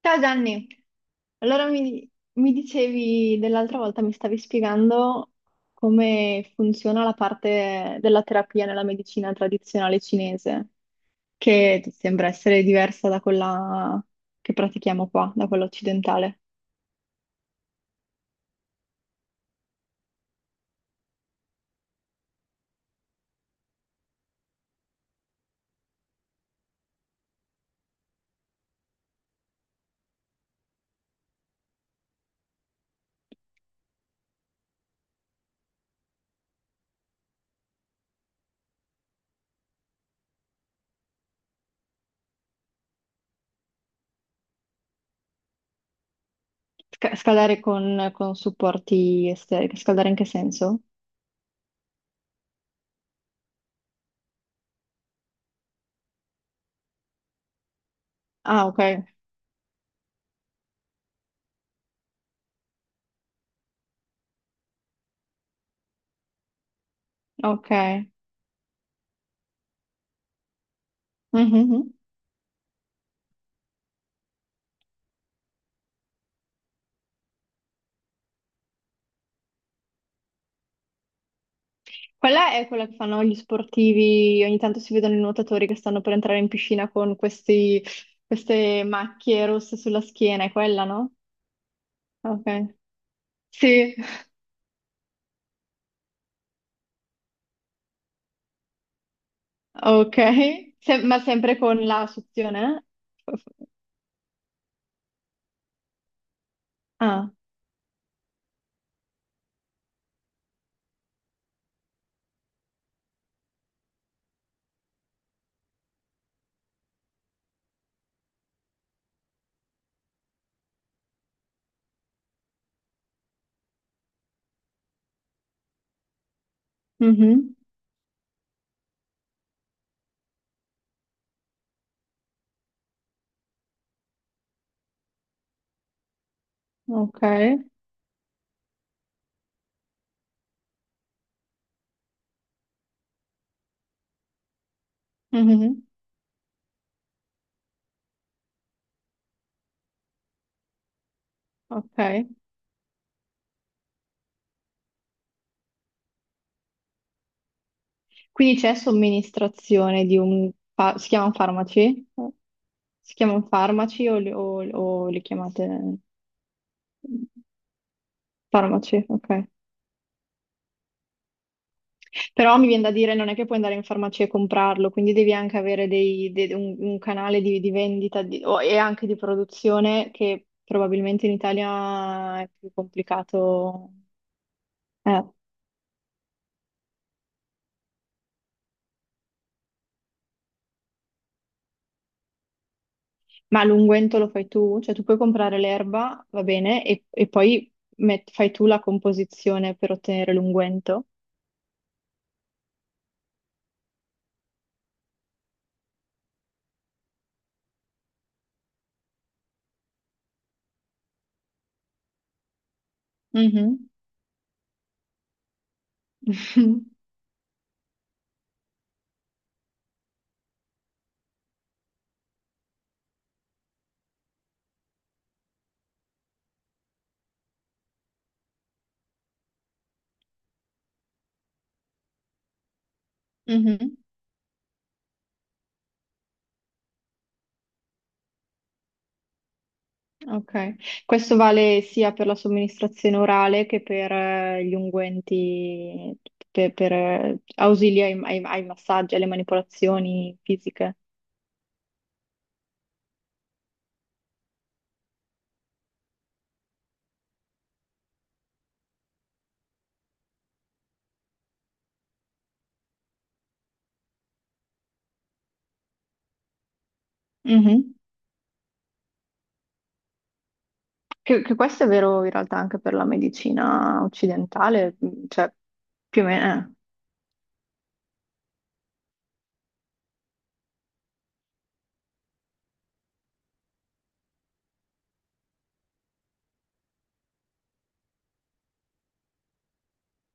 Ciao Gianni, allora mi dicevi dell'altra volta, mi stavi spiegando come funziona la parte della terapia nella medicina tradizionale cinese, che sembra essere diversa da quella che pratichiamo qua, da quella occidentale. Sca- scaldare con supporti esteri, scaldare in che senso? Ah, ok, ok. Mhm, mhm. Quella è quella che fanno gli sportivi, ogni tanto si vedono i nuotatori che stanno per entrare in piscina con questi- queste macchie rosse sulla schiena, è quella, no? Ok. Sì, ok. Se- ma sempre con la suzione? Eh? Ah, mhm. Ok. Mhm. Ok. Quindi c'è somministrazione di un... fa- si chiamano farmaci? Si chiamano farmaci o li chiamate farmaci? Ok. Però mi viene da dire, non è che puoi andare in farmacia e comprarlo, quindi devi anche avere dei- de- un canale di vendita di- o- e anche di produzione che probabilmente in Italia è più complicato. Eh, Ma l'unguento lo fai tu? Cioè tu puoi comprare l'erba, va bene, e poi met- fai tu la composizione per ottenere l'unguento? Mhm. Mhm. Ok, questo vale sia per la somministrazione orale che per gli unguenti, per, ausili ai, ai- ai massaggi, alle manipolazioni fisiche. Mhm. Che questo è vero in realtà anche per la medicina occidentale, cioè più o meno.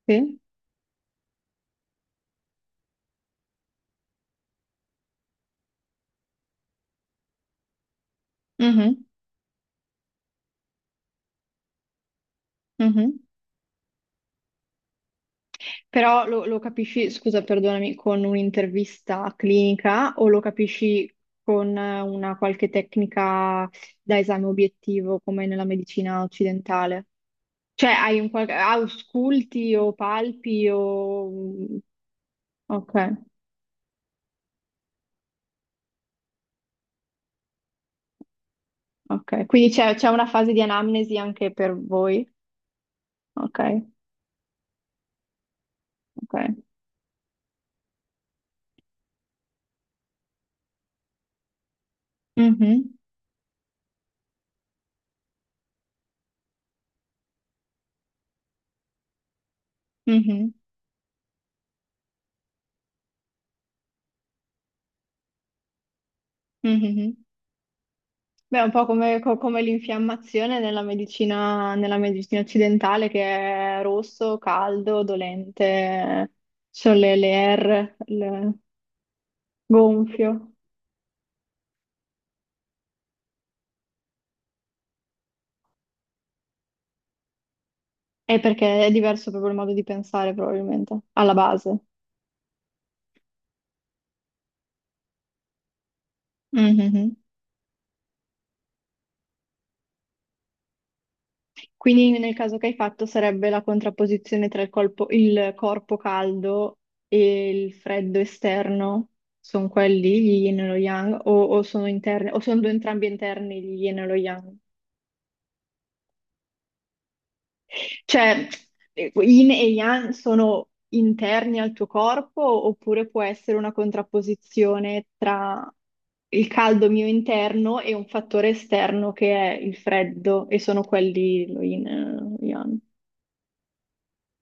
Eh, sì? Mhm, mhm. Però lo, lo capisci, scusa, perdonami, con un'intervista clinica o lo capisci con una qualche tecnica da esame obiettivo come nella medicina occidentale? Cioè hai un qualche... ausculti o palpi o... ok, ok. Quindi c'è c'è una fase di anamnesi anche per voi? Ok, ok. Mhm, mhm, mhm. Beh, è un po' come, co- come l'infiammazione nella medicina occidentale che è rosso, caldo, dolente, ci sono le R, il gonfio. È perché è diverso proprio il modo di pensare, probabilmente, alla base. Mhm. Quindi nel caso che hai fatto sarebbe la contrapposizione tra il colpo- il corpo caldo e il freddo esterno, sono quelli, gli yin e lo yang, o sono interni, o sono due entrambi interni, gli yin e lo yang. Cioè, yin e yang sono interni al tuo corpo oppure può essere una contrapposizione tra il caldo mio interno e un fattore esterno che è il freddo e sono quelli lo yin e lo yang.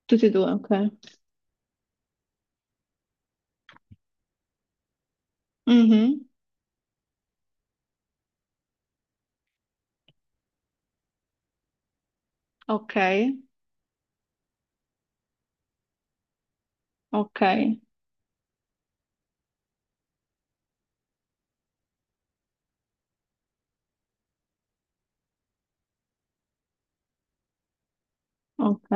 Tutti e due, ok. Mhm. Ok, ok, ok.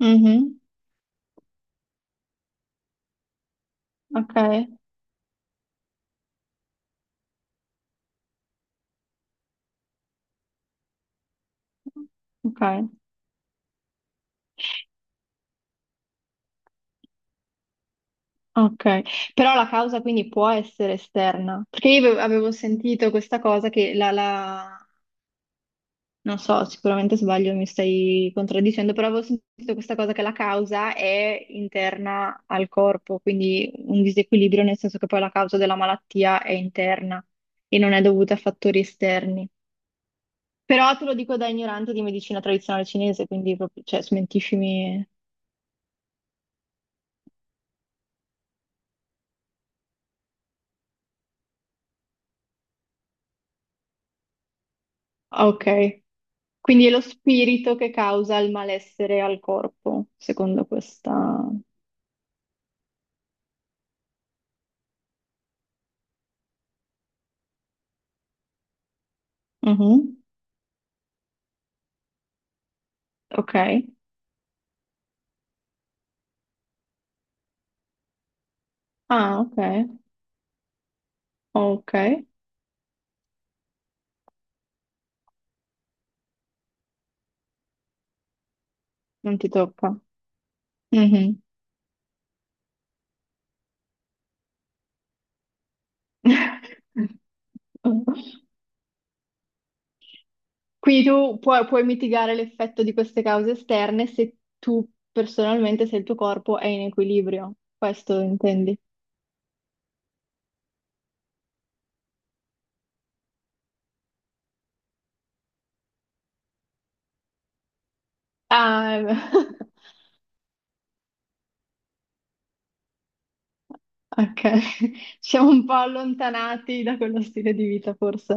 Mhm. Ok, ok, ok. Però la causa quindi può essere esterna, perché io avevo sentito questa cosa che la, la- Non so, sicuramente sbaglio, mi stai contraddicendo, però avevo sentito questa cosa che la causa è interna al corpo, quindi un disequilibrio nel senso che poi la causa della malattia è interna e non è dovuta a fattori esterni. Però te lo dico da ignorante di medicina tradizionale cinese, quindi proprio, cioè, smentiscimi. Ah, ok, quindi è lo spirito che causa il malessere al corpo, secondo questa... Mhm. Ok. Ah, ok. Ok, non ti tocca. Mhm. Quindi tu puoi, puoi mitigare l'effetto di queste cause esterne se tu personalmente, se il tuo corpo è in equilibrio. Questo intendi? Ah, ok. Ci siamo un po' allontanati da quello stile di vita, forse.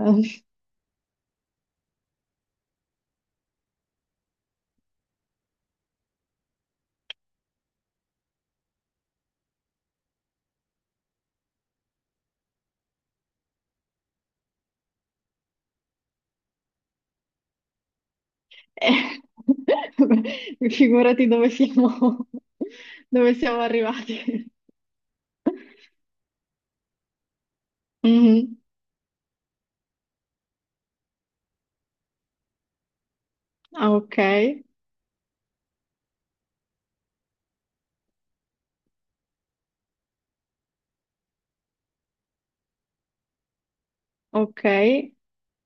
Eh, figurati dove siamo arrivati. Mhm. Ah, ok, ok.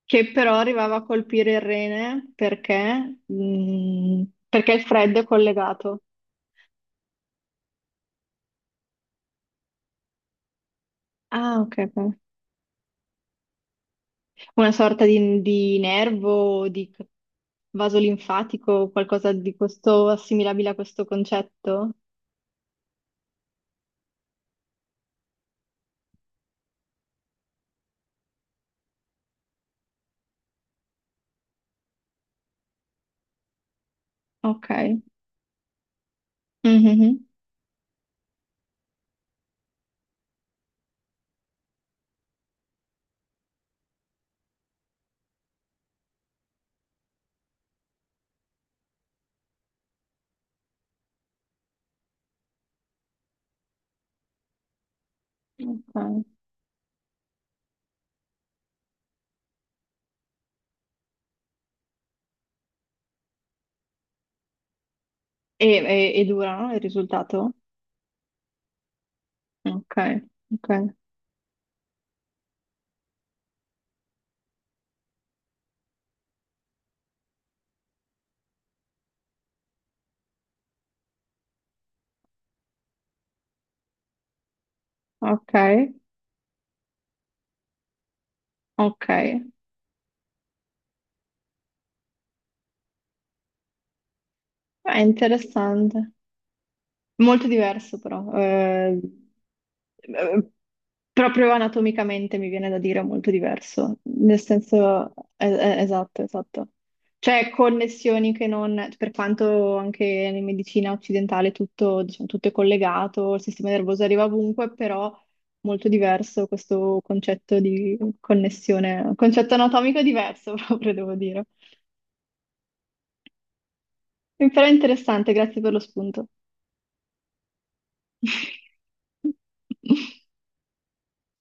Che però arrivava a colpire il rene perché, perché il freddo è collegato. Ah, ok, ok. Una sorta di nervo, di c- vaso linfatico, qualcosa di questo, assimilabile a questo concetto? Ok. Mhm. Ok. E, e dura, no? Il risultato? Ok, ok, ok, ok. È interessante. Molto diverso però, eh, proprio anatomicamente mi viene da dire molto diverso, nel senso, esatto, esatto. Cioè connessioni che non, per quanto anche in medicina occidentale tutto, diciamo, tutto è collegato, il sistema nervoso arriva ovunque, però molto diverso questo concetto di connessione, concetto anatomico diverso proprio, devo dire. Però è interessante, grazie per lo spunto.